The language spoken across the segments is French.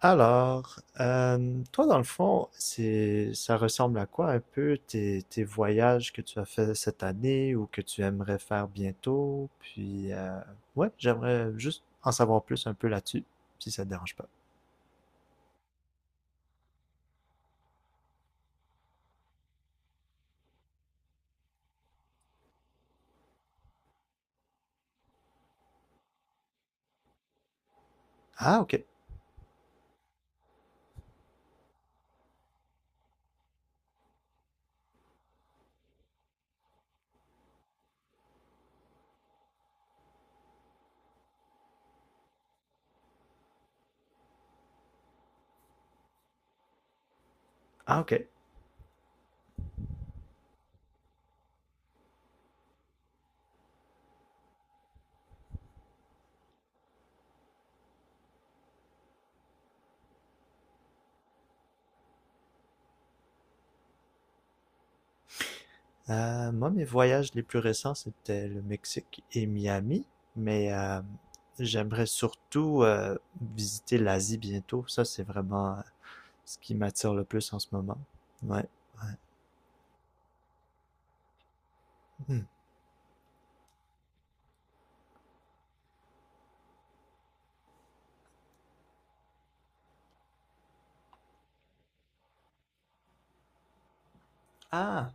Toi, dans le fond, c'est, ça ressemble à quoi un peu tes voyages que tu as fait cette année ou que tu aimerais faire bientôt? Ouais, j'aimerais juste en savoir plus un peu là-dessus, si ça te dérange pas. Ah, ok. Ah, ok. Moi, mes voyages les plus récents, c'était le Mexique et Miami, mais j'aimerais surtout visiter l'Asie bientôt. Ça, c'est vraiment ce qui m'attire le plus en ce moment. Ouais. Hmm. Ah,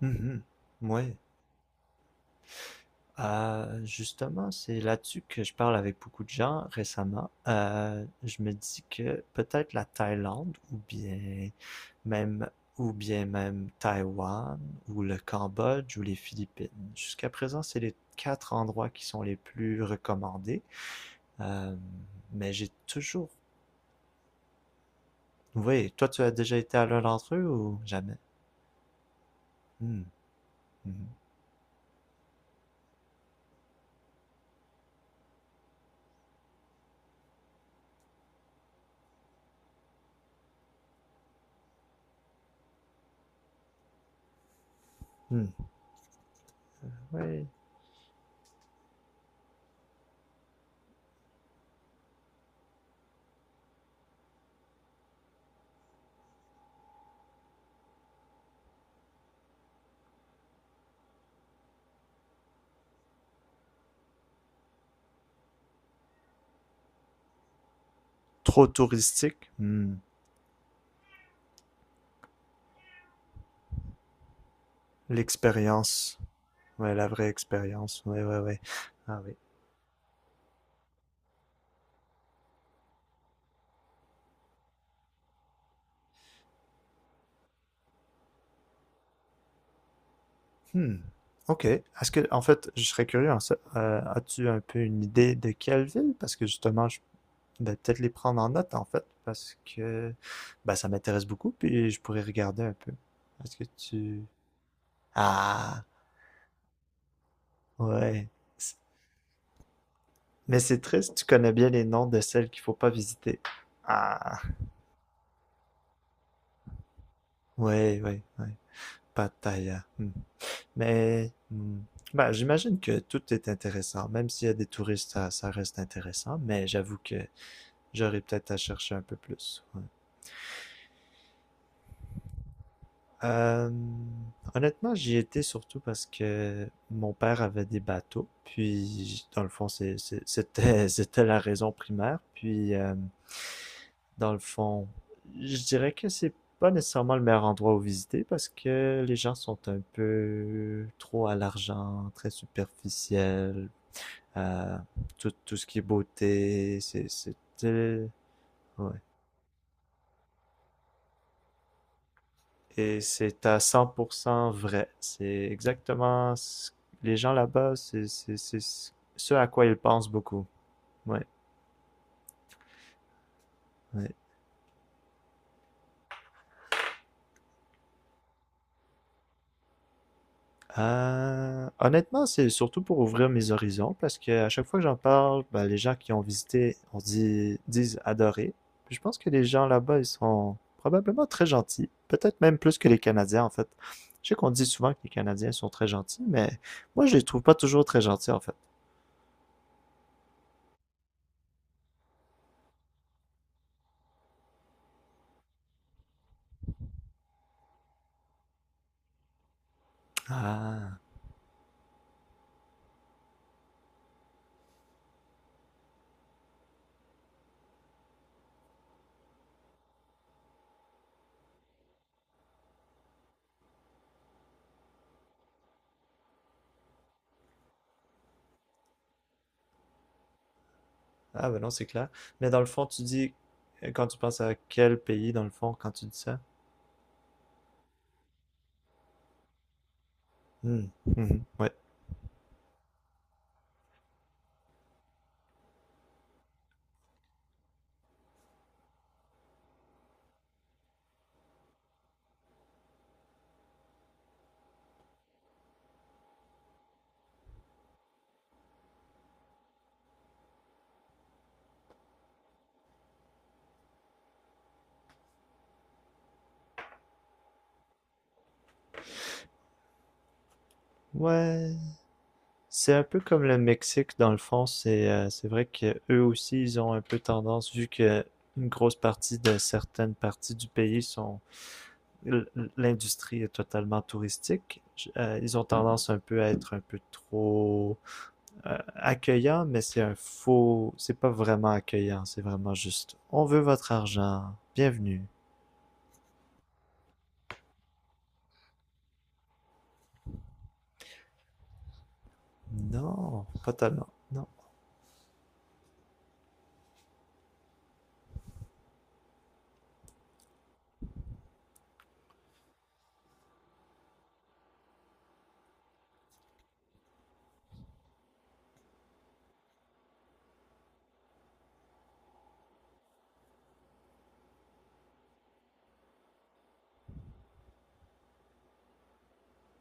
mhm. Ouais. Justement, c'est là-dessus que je parle avec beaucoup de gens récemment. Je me dis que peut-être la Thaïlande même ou bien même Taïwan ou le Cambodge ou les Philippines. Jusqu'à présent, c'est les quatre endroits qui sont les plus recommandés. Euh, mais j'ai toujours... Oui, toi, tu as déjà été à l'un d'entre eux ou jamais? Hmm, mhm, hmm. Ouais. Trop touristique? Hmm. L'expérience. Ouais, la vraie expérience. Ouais, ouais, ouais. Ah oui. Hmm. OK. Est-ce que, en fait, je serais curieux, as-tu un peu une idée de quelle ville? Parce que justement, je vais peut-être les prendre en note, en fait, parce que bah ça m'intéresse beaucoup, puis je pourrais regarder un peu. Est-ce que tu... Ah, ouais. C- Mais c'est triste, tu connais bien les noms de celles qu'il faut pas visiter. Ah, ouais, ouais, ouais. Pattaya. Hmm. Mais ben, j'imagine que tout est intéressant. Même s'il y a des touristes, ça reste intéressant. Mais j'avoue que j'aurais peut-être à chercher un peu plus. Ouais. Euh, honnêtement, j'y étais surtout parce que mon père avait des bateaux. Puis, dans le fond, c'était, c'était la raison primaire. Dans le fond, je dirais que c'est pas nécessairement le meilleur endroit où visiter parce que les gens sont un peu trop à l'argent, très superficiels, euh, tout, tout ce qui est beauté, euh, ouais. Et c'est à 100% vrai. C'est exactement ce- les gens là-bas, c'est ce à quoi ils pensent beaucoup. Ouais, ouais. Honnêtement, c'est surtout pour ouvrir mes horizons parce que à chaque fois que j'en parle, ben, les gens qui ont visité disent adorer. Puis je pense que les gens là-bas, ils sont probablement très gentils, peut-être même plus que les Canadiens en fait. Je sais qu'on dit souvent que les Canadiens sont très gentils, mais moi je les trouve pas toujours très gentils en fait. Ah, ah ben non, c'est clair. Mais dans le fond, tu dis quand tu penses à quel pays dans le fond quand tu dis ça? Hmm. Mhm. Ouais. Ouais, c'est un peu comme le Mexique dans le fond, c'est vrai que eux aussi ils ont un peu tendance vu que une grosse partie de certaines parties du pays sont l- l'industrie est totalement touristique, ils ont tendance un peu à être un peu trop accueillants, mais c'est un faux, c'est pas vraiment accueillant, c'est vraiment juste on veut votre argent, bienvenue. Non, pas tellement, non.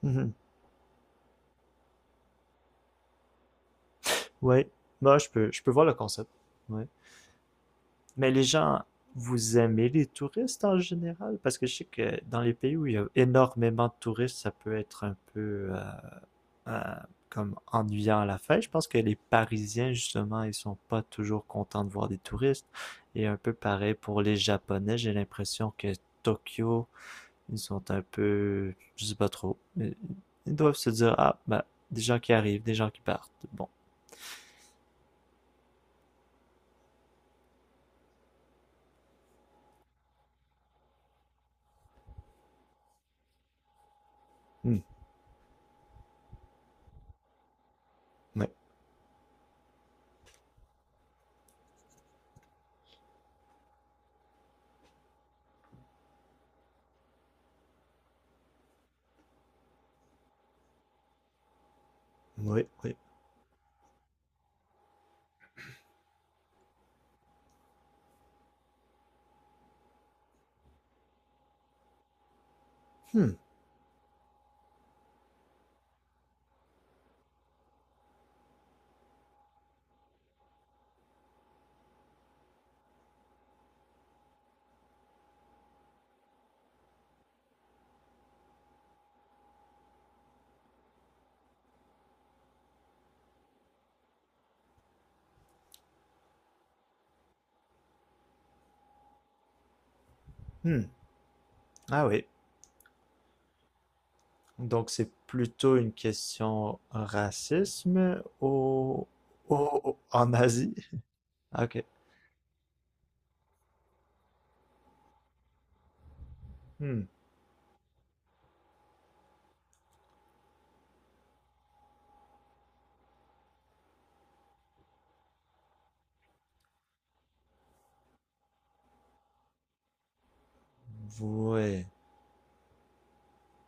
Mhm. Ouais, moi je peux voir le concept. Ouais. Mais les gens, vous aimez les touristes en général? Parce que je sais que dans les pays où il y a énormément de touristes, ça peut être un peu euh, comme ennuyant à la fin. Je pense que les Parisiens, justement, ils sont pas toujours contents de voir des touristes. Et un peu pareil pour les Japonais, j'ai l'impression que Tokyo, ils sont un peu, je sais pas trop. Ils doivent se dire, ah, bah, des gens qui arrivent, des gens qui partent. Bon. Hmm. Oui, oui, oui. Hmm. Hmm. Ah oui. Donc, c'est plutôt une question racisme au... au- en Asie? Ah, ok. Hmm. Ouais.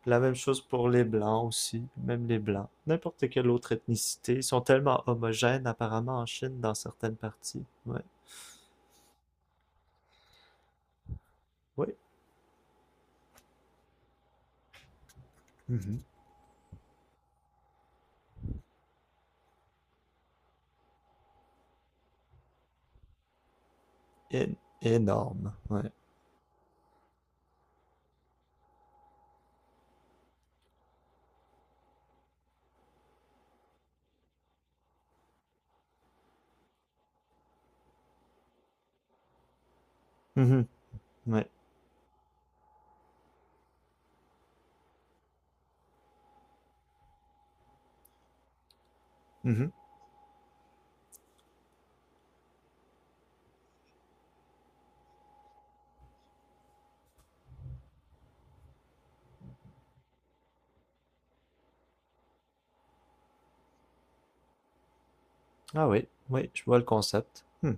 La même chose pour les Blancs aussi. Même les Blancs. N'importe quelle autre ethnicité. Ils sont tellement homogènes apparemment en Chine dans certaines parties. Ouais. Oui. Mhm. É- énorme. Ouais. Mhm. Ouais. Mhm. Ah oui. Oui, je vois le concept. Hmm.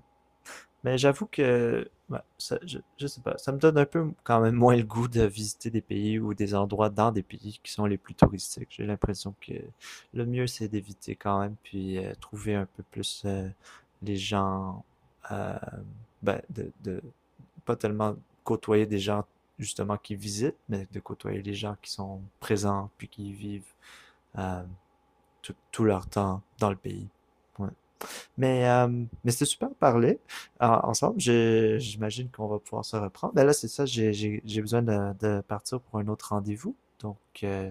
Mais j'avoue que, ouais, ça, je sais pas, ça me donne un peu quand même moins le goût de visiter des pays ou des endroits dans des pays qui sont les plus touristiques. J'ai l'impression que le mieux c'est d'éviter quand même, puis trouver un peu plus les gens, euh, ben, de pas tellement côtoyer des gens justement qui visitent, mais de côtoyer les gens qui sont présents puis qui vivent euh, tout, tout leur temps dans le pays. Ouais. Mais, euh, mais c'était super de parler ensemble. J'imagine qu'on va pouvoir se reprendre. Ben là, c'est ça, j'ai besoin de partir pour un autre rendez-vous. Euh,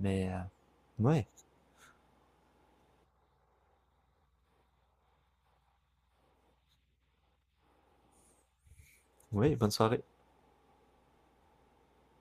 ouais, ouais, bonne soirée.